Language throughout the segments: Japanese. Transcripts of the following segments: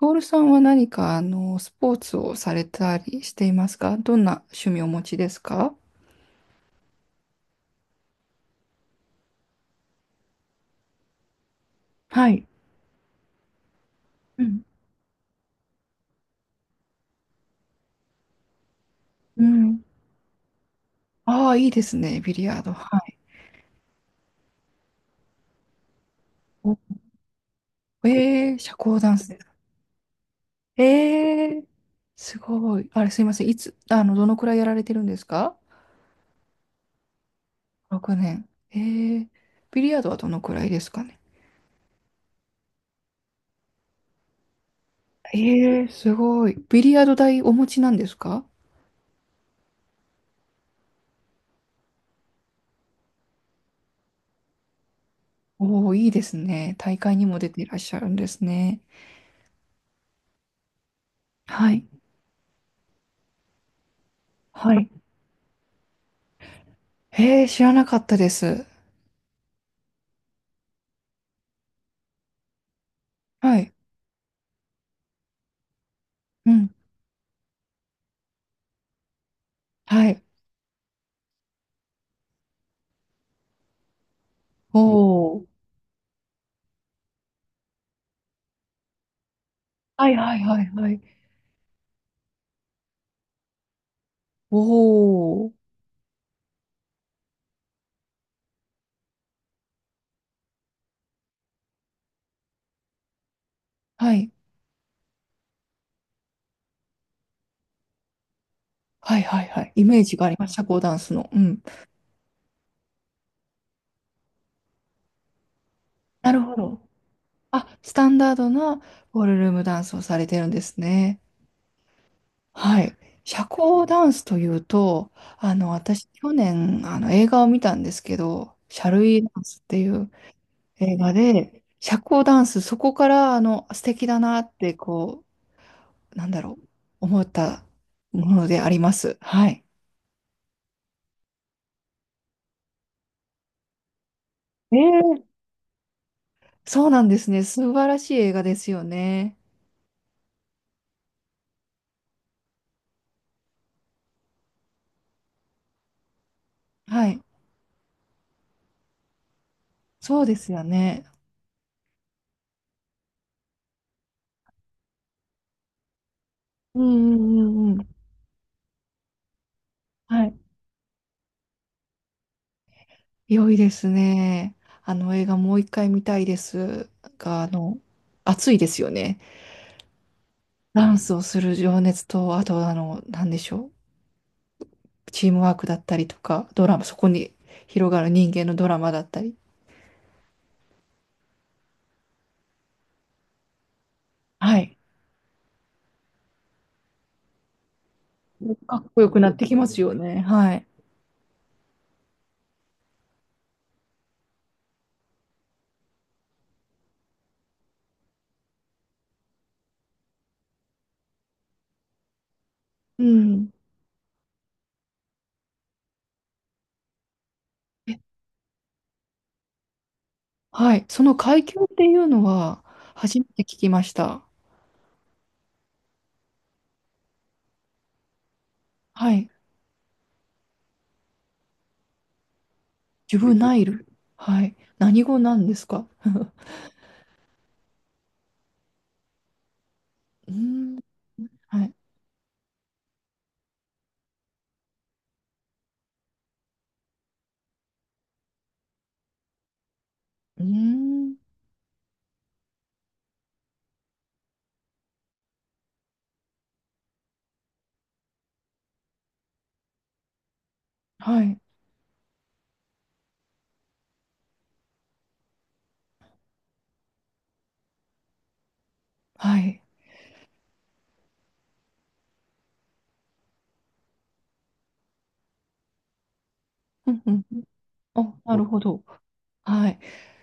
トールさんは何か、スポーツをされたりしていますか？どんな趣味をお持ちですか？はい。うん、うん。ああ、いいですね、ビリヤード。はい。おえー、社交ダンスです。えー、すごい。あれ、すいません。いつ、どのくらいやられてるんですか？ 6 年。えー、ビリヤードはどのくらいですかね？えー、すごい。ビリヤード台お持ちなんですか？おおー、いいですね。大会にも出ていらっしゃるんですね。はい。はい。へえ、知らなかったです。はい。うん。はい。おお。はいはいはいはい。おお。はい。はいはいはい。イメージがあります。社交ダンスの。うん。なるほど。あ、スタンダードなボールルームダンスをされてるんですね。はい。社交ダンスというと、私、去年、映画を見たんですけど、シャルウィーダンスっていう映画で、社交ダンス、そこから、素敵だなって、こう、なんだろう、思ったものであります。はい。ええ。そうなんですね。素晴らしい映画ですよね。はい。そうですよね。うんうんうんうん。はい。良いですね。あの映画もう一回見たいですが、熱いですよね。ダンスをする情熱と、あとなんでしょう。チームワークだったりとか、ドラマ、そこに広がる人間のドラマだったり。はい。かっこよくなってきますよね。はい。うん。え、はい。その階級っていうのは、初めて聞きました。はい。ジュブナイル。はい。何語なんですか？うーん。はい。うーん。はい。はい。うんうん。あ、なるほど。はい。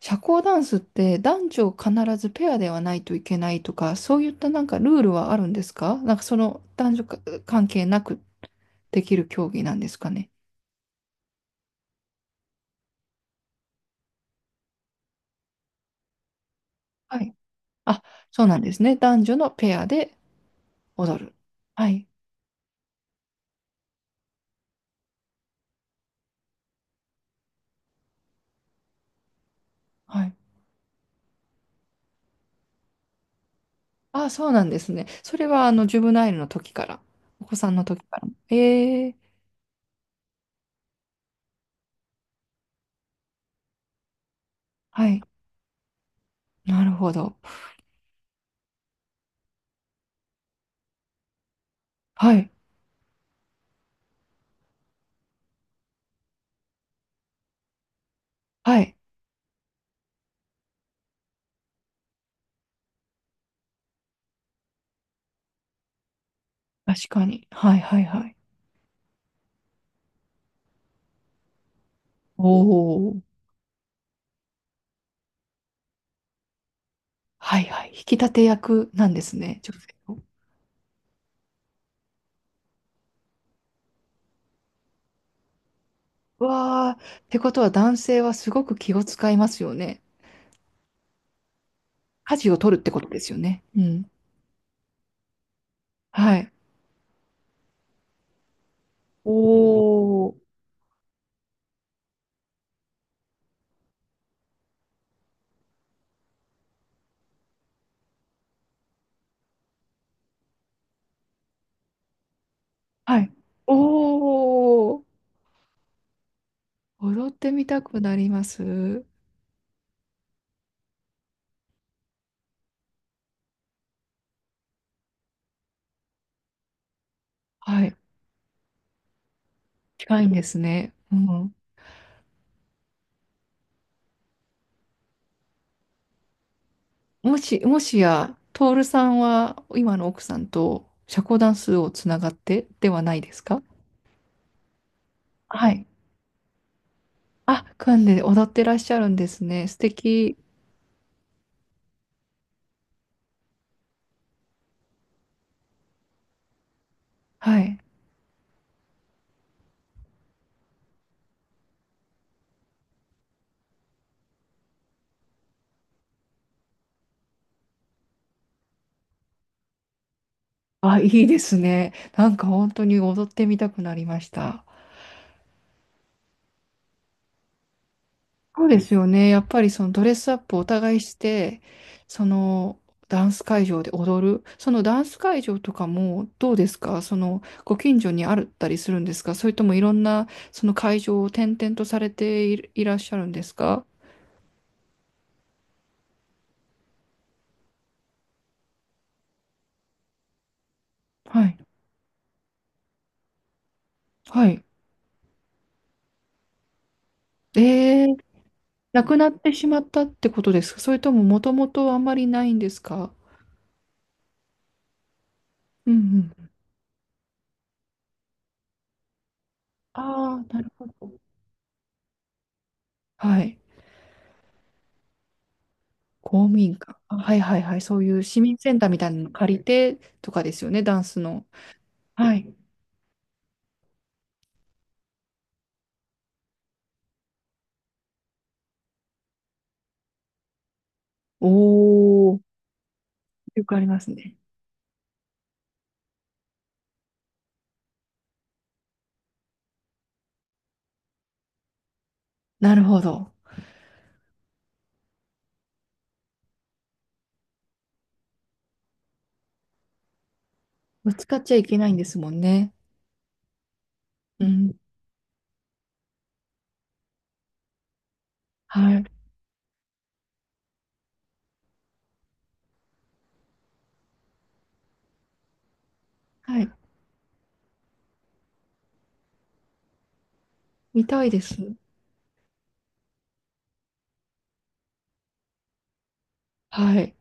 社交ダンスって男女必ずペアではないといけないとか、そういったなんかルールはあるんですか？なんかその男女か関係なくできる競技なんですかね？はい。あ、そうなんですね。男女のペアで踊る。はい。はい。ああ、そうなんですね。それは、ジュブナイルの時から、お子さんの時からも。ええ、はい。なるほど。はい。はい。確かに。はい、はい、はい。おお。はい、はい。引き立て役なんですね、女性を。わあ、ってことは男性はすごく気を使いますよね。舵を取るってことですよね。うん。はい。おお。はい。おお。踊ってみたくなります。はい。近いんですね。うん。もし、もしや、トールさんは今の奥さんと社交ダンスをつながってではないですか？はい。あ、組んで踊ってらっしゃるんですね。素敵。はい。あ、いいですね。なんか本当に踊ってみたくなりました。そうですよね。やっぱりそのドレスアップをお互いして、そのダンス会場で踊る。そのダンス会場とかもどうですか？そのご近所にあったりするんですか？それともいろんなその会場を転々とされているいらっしゃるんですか？はい。はい。えー、なくなってしまったってことですか？それとももともとあんまりないんですか？うんうん。ああ、なるほど。はい。公務員か。あはいはいはい。そういう市民センターみたいなの借りてとかですよね、ダンスの。はい。おお、よくありますね。なるほど。ぶつかっちゃいけないんですもんね。うん。はい。はい。見たいです。はい。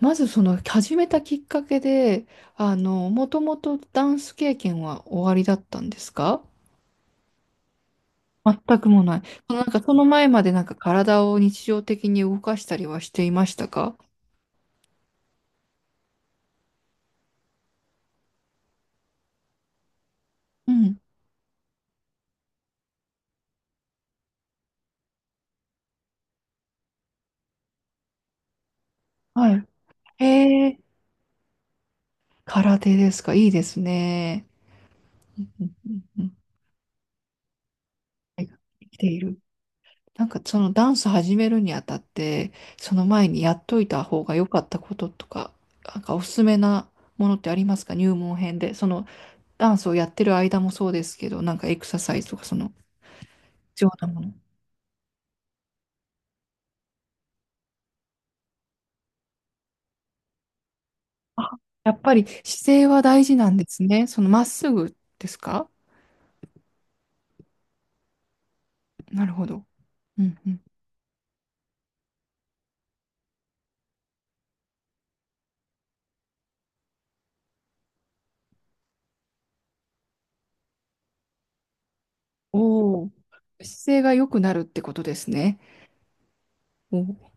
まずその始めたきっかけで、もともとダンス経験はおありだったんですか？全くもない。そのなんかその前までなんか体を日常的に動かしたりはしていましたか？うん。はい。へえ。空手ですか、いいですね。うんうんうんうん。はい。生きている。なんかそのダンス始めるにあたって、その前にやっといた方が良かったこととか、なんかおすすめなものってありますか？入門編で。そのダンスをやってる間もそうですけど、なんかエクササイズとかその必要なもの。あ、やっぱり姿勢は大事なんですね。そのまっすぐですか？なるほど。うんうん。おお、姿勢が良くなるってことですね。おお、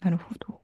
なるほど。